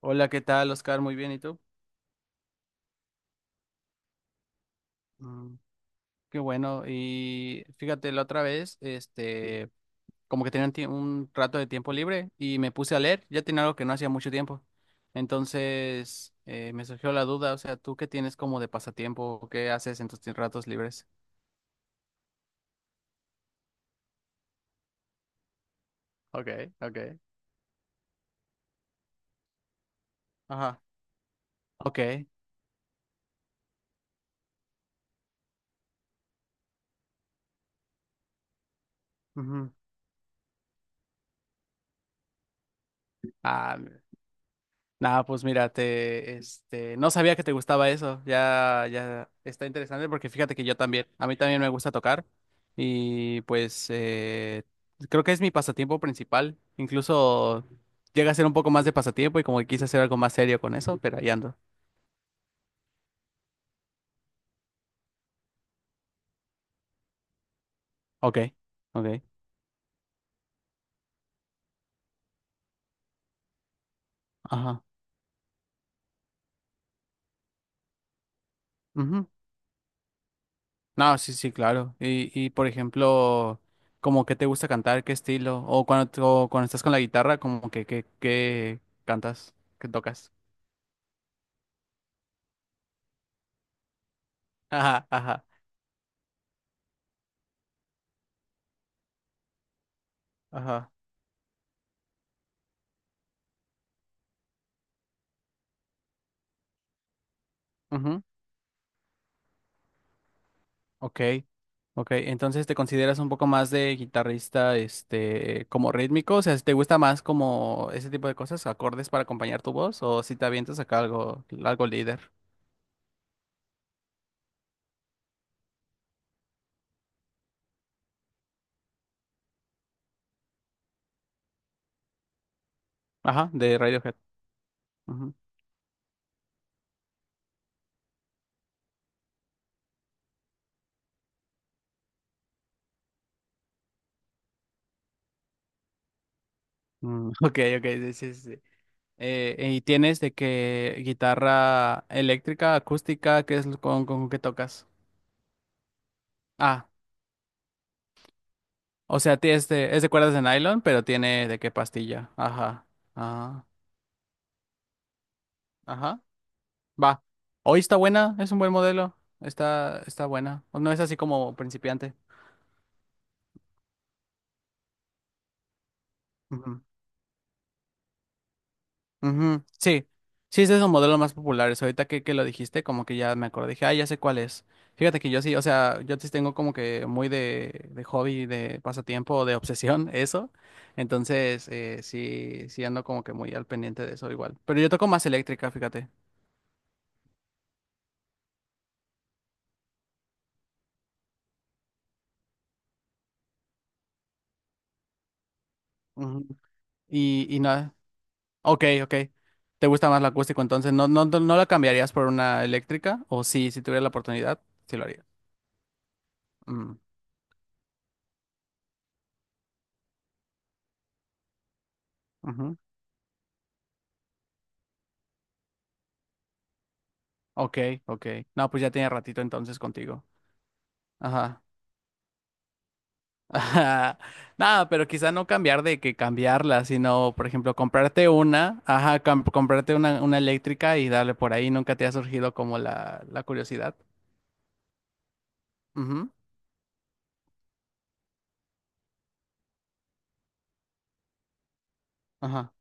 Hola, ¿qué tal, Oscar? Muy bien, ¿y tú? Mm, qué bueno. Y fíjate, la otra vez, como que tenía un rato de tiempo libre y me puse a leer. Ya tenía algo que no hacía mucho tiempo. Entonces, me surgió la duda, o sea, ¿tú qué tienes como de pasatiempo? ¿O ¿Qué haces en tus ratos libres? Okay, okay. Ajá. Okay. Ujú. Ah, nada, pues mira, no sabía que te gustaba eso. Ya, ya está interesante porque fíjate que yo también, a mí también me gusta tocar y pues creo que es mi pasatiempo principal. Incluso llega a ser un poco más de pasatiempo y como que quise hacer algo más serio con eso, pero ahí ando. Ok, ok, ajá, ujú. No, sí, sí, claro. Y por ejemplo, como que te gusta cantar, qué estilo, o cuando estás con la guitarra, como que cantas, que tocas. Ajá, ajá. Ajá. Ujú. Ok. Ok. Entonces te consideras un poco más de guitarrista, este, como rítmico. O sea, ¿si te gusta más como ese tipo de cosas, acordes para acompañar tu voz? ¿O si te avientas acá algo, algo líder? Ajá, de Radiohead. Ujú. Mm, ok, ok, sí, sí, sí, sí. ¿Y tienes de qué guitarra eléctrica, acústica, qué es lo con qué tocas? Ah, o sea, es de cuerdas de nylon, pero tiene de qué pastilla. Ajá. Ah, ajá. Va. Hoy está buena, es un buen modelo. Está, está buena. No es así como principiante. Ujú. Ujú. Sí. Sí, ese es un modelo más populares. Ahorita que lo dijiste, como que ya me acordé. Dije, ah, ya sé cuál es. Fíjate que yo sí, o sea, yo sí tengo como que muy de hobby, de pasatiempo, de obsesión, eso. Entonces, sí, sí ando como que muy al pendiente de eso igual. Pero yo toco más eléctrica, fíjate. Ujú. Y no. Ok, ok. ¿Te gusta más la acústico entonces? ¿No, no, no la cambiarías por una eléctrica? ¿O sí, si tuviera la oportunidad, sí lo haría? Mm, ujú. Ok, ok. No, pues ya tenía ratito entonces contigo. Ajá. Ajá. Nada, pero quizá no cambiar de que cambiarla, sino, por ejemplo, comprarte una, ajá, comprarte una eléctrica y darle por ahí. ¿Nunca te ha surgido como la curiosidad? Ujú. Ajá.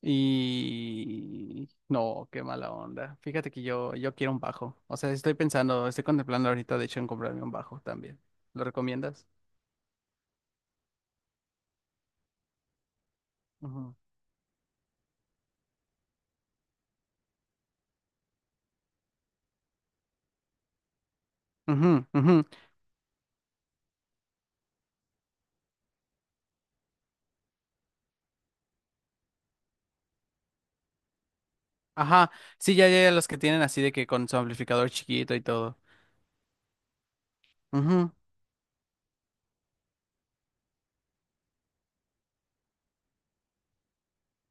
Y no, qué mala onda. Fíjate que yo quiero un bajo. O sea, estoy pensando, estoy contemplando ahorita, de hecho, en comprarme un bajo también. ¿Lo recomiendas? Ujú. Ujú, ujú. Ajá. Sí, ya, ya, ya, los que tienen así de que con su amplificador chiquito y todo. Ujú.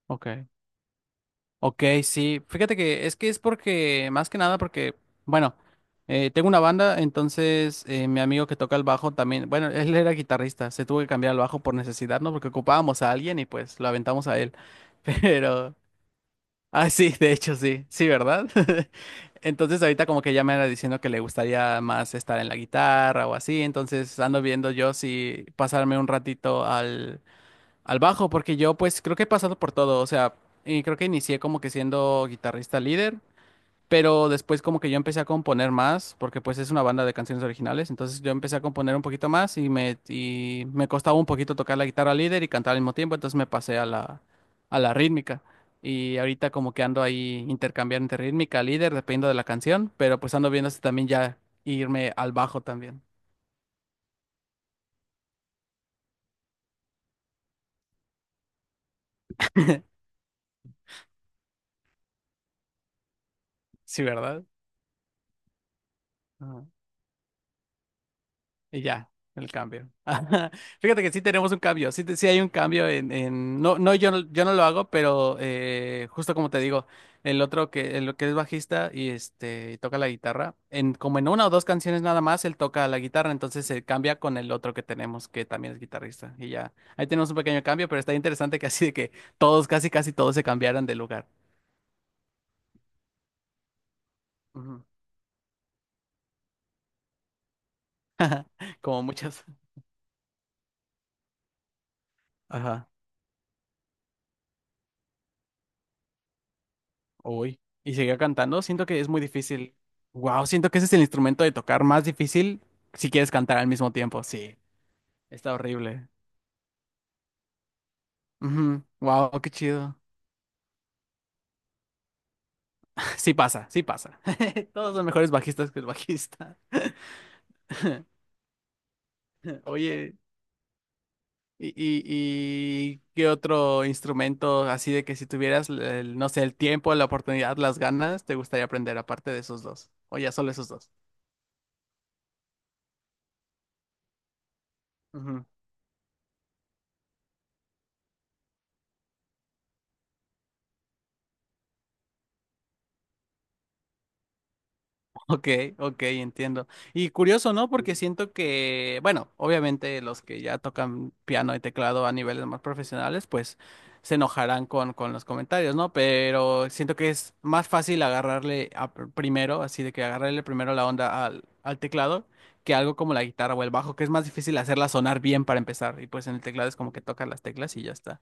Ok. Ok, sí, fíjate que es porque, más que nada porque, bueno, tengo una banda, entonces mi amigo que toca el bajo también, bueno, él era guitarrista, se tuvo que cambiar al bajo por necesidad, ¿no? Porque ocupábamos a alguien y pues lo aventamos a él, pero, ah, sí, de hecho sí, sí, ¿verdad? Entonces ahorita como que ya me era diciendo que le gustaría más estar en la guitarra o así, entonces ando viendo yo si pasarme un ratito al al bajo, porque yo pues creo que he pasado por todo, o sea, y creo que inicié como que siendo guitarrista líder, pero después como que yo empecé a componer más, porque pues es una banda de canciones originales, entonces yo empecé a componer un poquito más y me costaba un poquito tocar la guitarra líder y cantar al mismo tiempo, entonces me pasé a la rítmica. Y ahorita como que ando ahí intercambiando entre rítmica, líder, dependiendo de la canción, pero pues ando viendo si también ya irme al bajo también. Sí, ¿verdad? Ajá. Y ya, el cambio. Fíjate que sí tenemos un cambio, sí, sí hay un cambio no, no, yo no lo hago, pero justo como te digo, el otro el que es bajista y este y toca la guitarra, en como en una o dos canciones nada más, él toca la guitarra, entonces se cambia con el otro que tenemos, que también es guitarrista. Y ya, ahí tenemos un pequeño cambio, pero está interesante que así de que todos, casi casi todos se cambiaran de lugar. Ujú. Como muchas. Ajá. Uy, y seguía cantando. Siento que es muy difícil. Wow, siento que ese es el instrumento de tocar más difícil si quieres cantar al mismo tiempo. Sí, está horrible. Wow, qué chido. Sí pasa, sí pasa. Todos son mejores bajistas que el bajista. Oye, ¿y, y, y qué otro instrumento así de que si tuvieras, el, no sé, el tiempo, la oportunidad, las ganas, te gustaría aprender aparte de esos dos? O ya solo esos dos. Ok, ok, entiendo. Y curioso, ¿no? Porque siento que, bueno, obviamente los que ya tocan piano y teclado a niveles más profesionales, pues se enojarán con los comentarios, ¿no? Pero siento que es más fácil agarrarle a primero, así de que agarrarle primero la onda al teclado, que algo como la guitarra o el bajo, que es más difícil hacerla sonar bien para empezar. Y pues en el teclado es como que tocas las teclas y ya está.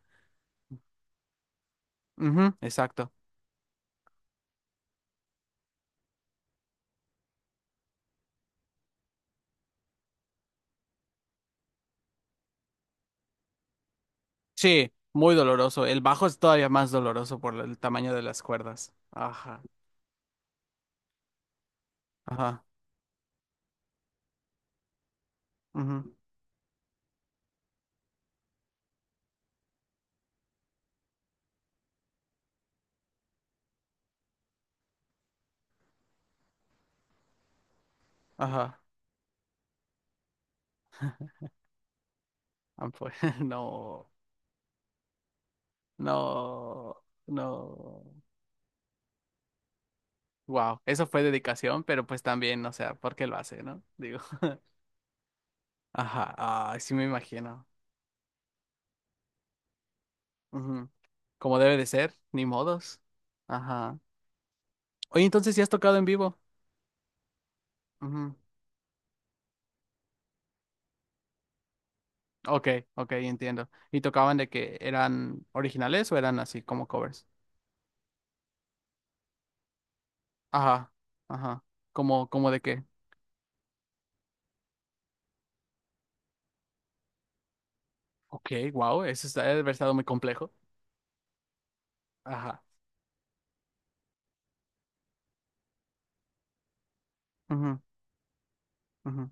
Ujú, exacto. Sí, muy doloroso. El bajo es todavía más doloroso por el tamaño de las cuerdas. Ajá. Ajá, ujú, ajá. Ah, pues, no, no, no. Wow, eso fue dedicación, pero pues también, o sea, ¿por qué lo hace, no? Digo, ajá, ah, sí me imagino. Ujú. Como debe de ser, ni modos. Ajá. Oye, entonces, ¿sí has tocado en vivo? Ujú. Ok, ok, entiendo. ¿Y tocaban de que eran originales o eran así como covers? Ajá, ajá. ¿Cómo, cómo de qué? Ok, wow, eso está, debe haber estado muy complejo. Ajá. Ujú, ujú,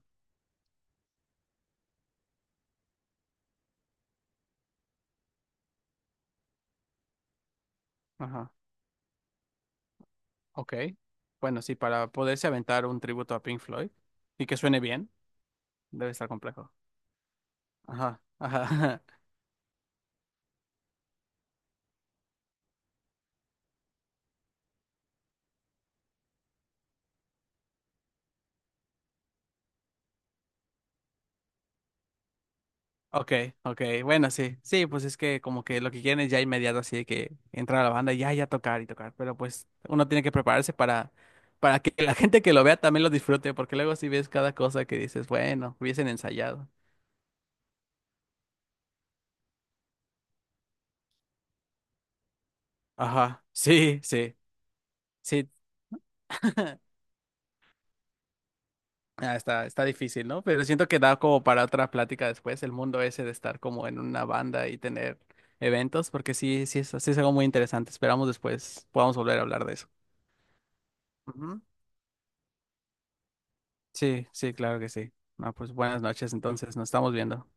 ajá. Ok. Bueno, sí, para poderse aventar un tributo a Pink Floyd y que suene bien, debe estar complejo. Ajá, ajá. Ok, ok. Bueno, sí. Sí, pues es que como que lo que quieren es ya inmediato así de que entrar a la banda y ya, ya tocar y tocar. Pero pues uno tiene que prepararse para que la gente que lo vea también lo disfrute, porque luego si ves cada cosa que dices, bueno, hubiesen ensayado. Ajá. Sí, sí, sí. Ah, está, está difícil, ¿no? Pero siento que da como para otra plática después, el mundo ese de estar como en una banda y tener eventos, porque sí, sí es algo muy interesante. Esperamos después podamos volver a hablar de eso. Ujú. Sí, sí, claro que sí. Ah, pues buenas noches, entonces, nos estamos viendo.